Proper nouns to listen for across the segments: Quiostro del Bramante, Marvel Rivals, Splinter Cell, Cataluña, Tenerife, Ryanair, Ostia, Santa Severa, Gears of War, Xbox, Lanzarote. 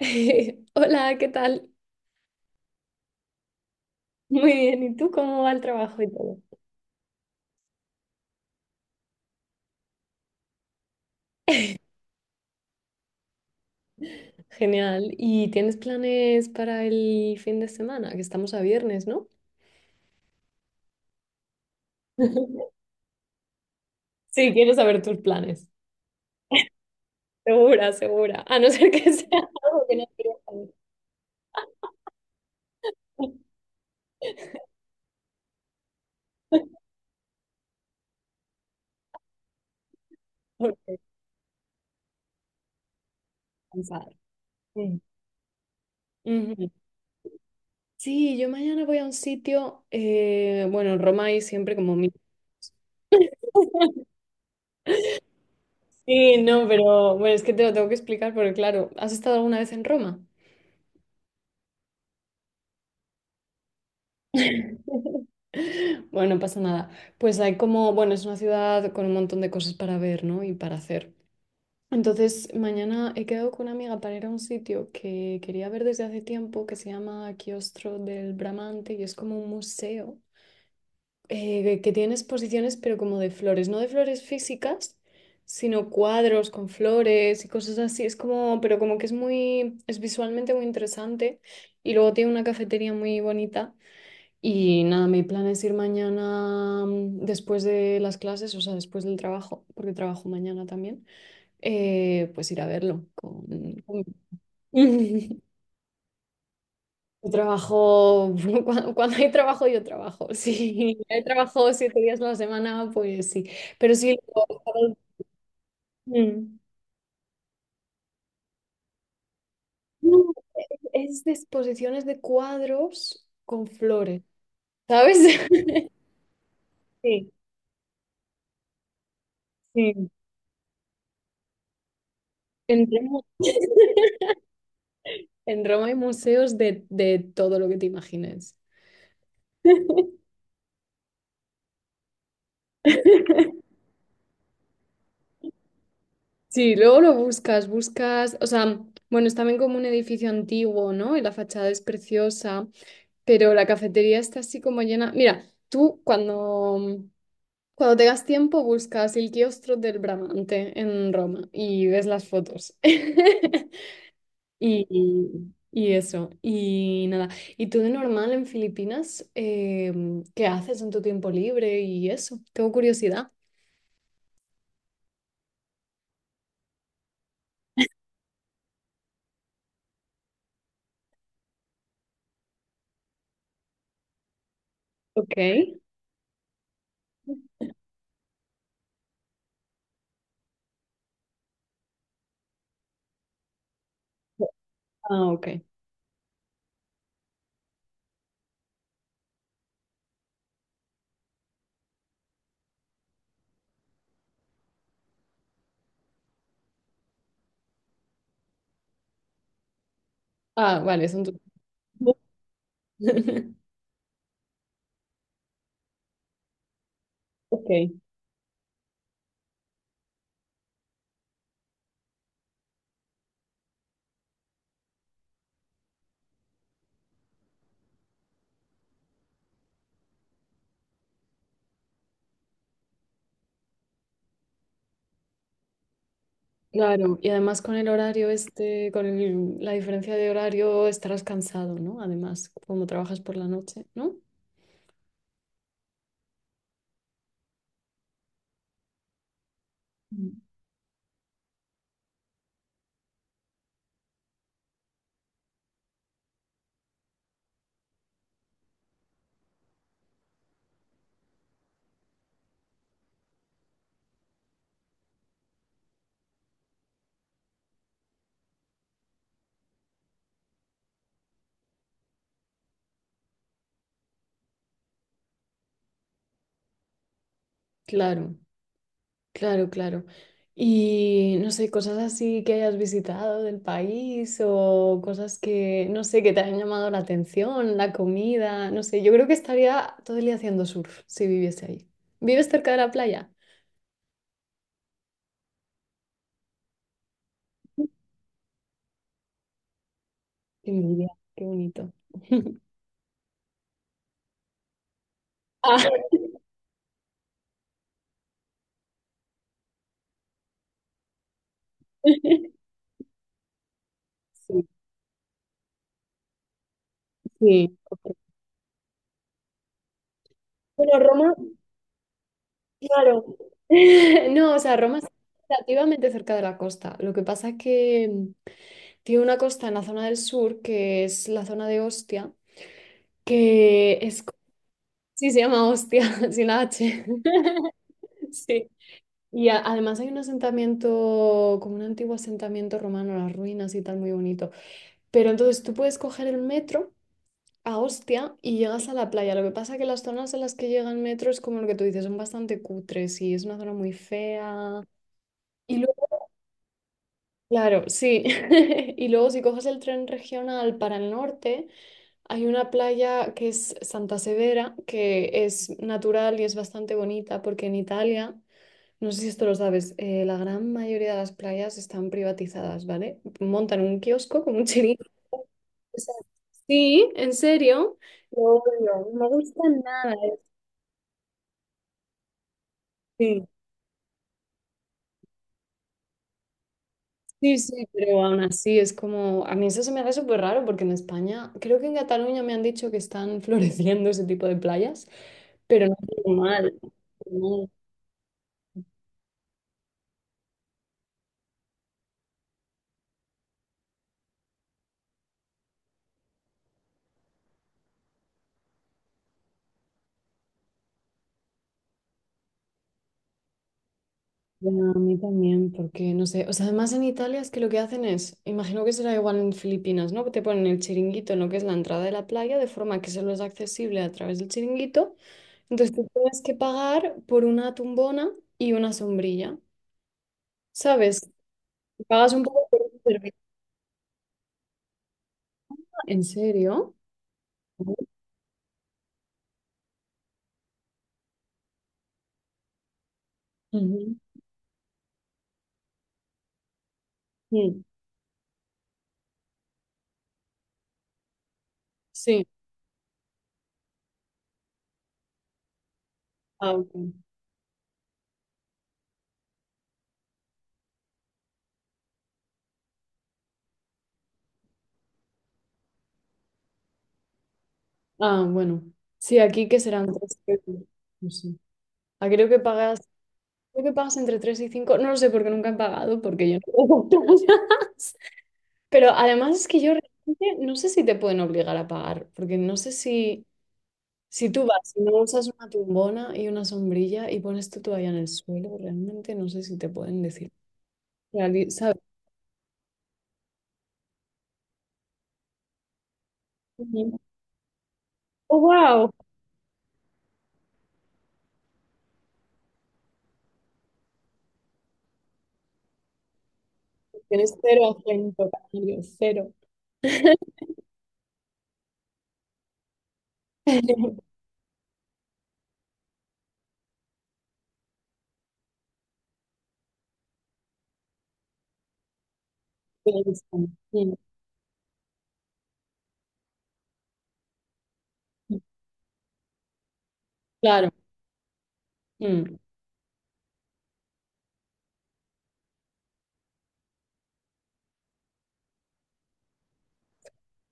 Hola, ¿qué tal? Muy bien, ¿y tú cómo va el trabajo y todo? Genial. ¿Y tienes planes para el fin de semana? Que estamos a viernes, ¿no? Sí, quiero saber tus planes. Segura, segura. A no ser que sea algo que no quieras saber. Por descansar. Mm. Ujú. Sí, yo mañana voy a un sitio, bueno, en Roma hay siempre como mil. Sí, no, pero bueno, es que te lo tengo que explicar porque claro, ¿has estado alguna vez en Roma? Bueno, no pasa nada. Pues hay como, bueno, es una ciudad con un montón de cosas para ver, ¿no? Y para hacer. Entonces, mañana he quedado con una amiga para ir a un sitio que quería ver desde hace tiempo, que se llama Quiostro del Bramante, y es como un museo que tiene exposiciones, pero como de flores, no de flores físicas, sino cuadros con flores y cosas así. Es como, pero como que es muy, es visualmente muy interesante. Y luego tiene una cafetería muy bonita y nada, mi plan es ir mañana después de las clases, o sea, después del trabajo, porque trabajo mañana también, pues ir a verlo. Con- Yo trabajo, cuando hay trabajo, yo trabajo. Si hay trabajo 7 días a la semana, pues sí. Pero sí. Mm. No, es de exposiciones de cuadros con flores, ¿sabes? Sí, sí. En Roma, en Roma hay museos de todo lo que te imagines. Sí, luego lo buscas, buscas, o sea, bueno, es también como un edificio antiguo, ¿no? Y la fachada es preciosa, pero la cafetería está así como llena. Mira, tú cuando tengas tiempo buscas el kiostro del Bramante en Roma y ves las fotos. Y eso, y nada. ¿Y tú de normal en Filipinas, qué haces en tu tiempo libre y eso? Tengo curiosidad. Ok. Ah, ok. Ah, vale, son tus. Ok. Claro, y además con el horario este, la diferencia de horario estarás cansado, ¿no? Además, como trabajas por la noche, ¿no? Mm. Claro, claro, claro. Y no sé, cosas así que hayas visitado del país o cosas que, no sé, que te hayan llamado la atención, la comida, no sé, yo creo que estaría todo el día haciendo surf si viviese ahí. ¿Vives cerca de la playa? Qué envidia, qué bonito. Ah, sí, sí. Ok. Bueno, Roma. Claro. No, o sea, Roma está relativamente cerca de la costa. Lo que pasa es que tiene una costa en la zona del sur, que es la zona de Ostia, que es. Sí, se llama Ostia, sin la H. Sí. Además hay un asentamiento, como un antiguo asentamiento romano, las ruinas y tal, muy bonito. Pero entonces tú puedes coger el metro a Ostia y llegas a la playa. Lo que pasa es que las zonas en las que llega el metro es como lo que tú dices, son bastante cutres y es una zona muy fea. Y Claro, sí. Y luego si coges el tren regional para el norte, hay una playa que es Santa Severa, que es natural y es bastante bonita, porque en Italia, no sé si esto lo sabes, la gran mayoría de las playas están privatizadas, ¿vale? Montan un kiosco con un chiringuito. O sea, sí, en serio. Lo odio, no me gusta nada. Sí. Sí, sí, pero aún así es como, a mí eso se me hace súper raro porque en España, creo que en Cataluña me han dicho que están floreciendo ese tipo de playas, pero no es normal. No, bueno, a mí también, porque no sé, o sea, además en Italia es que lo que hacen es, imagino que será igual en Filipinas, ¿no? Que te ponen el chiringuito en lo que es la entrada de la playa, de forma que solo es accesible a través del chiringuito, entonces tú tienes que pagar por una tumbona y una sombrilla, ¿sabes? Si pagas un poco por un servicio. ¿En serio? Ujú. Mm. Sí. Ah, ok. Ah, bueno. Sí, aquí que serán tres euros. No sé. Ah, creo que pagas, entre 3 y cinco. No lo sé porque nunca he pagado, porque yo no pago playas. Pero además es que yo realmente no sé si te pueden obligar a pagar, porque no sé si tú vas y no usas una tumbona y una sombrilla y pones tu toalla en el suelo, realmente no sé si te pueden decir. ¿Sabes? Ujú. Oh, wow. Tienes cero acento, canario, cero. Pero, pero, sí. Claro. Mm.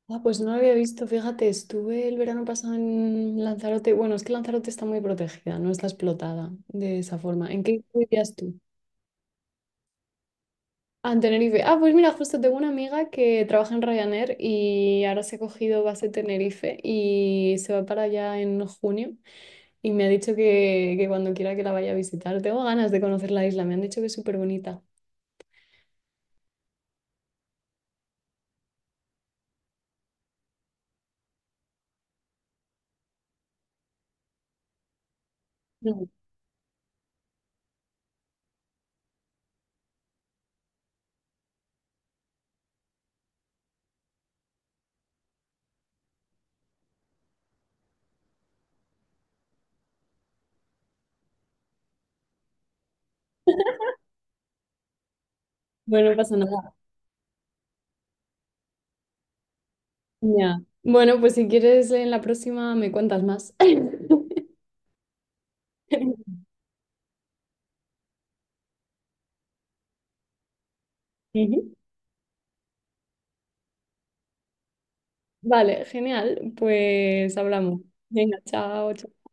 Ah, pues no lo había visto. Fíjate, estuve el verano pasado en Lanzarote. Bueno, es que Lanzarote está muy protegida, no está explotada de esa forma. ¿En qué vivías tú? Ah, en Tenerife. Ah, pues mira, justo tengo una amiga que trabaja en Ryanair y ahora se ha cogido base Tenerife y se va para allá en junio y me ha dicho que cuando quiera que la vaya a visitar. Tengo ganas de conocer la isla, me han dicho que es súper bonita. No. Bueno, no pasa nada. Ya. Bueno, pues si quieres en la próxima me cuentas más. Ujú. Vale, genial. Pues hablamos. Venga, chao, chao.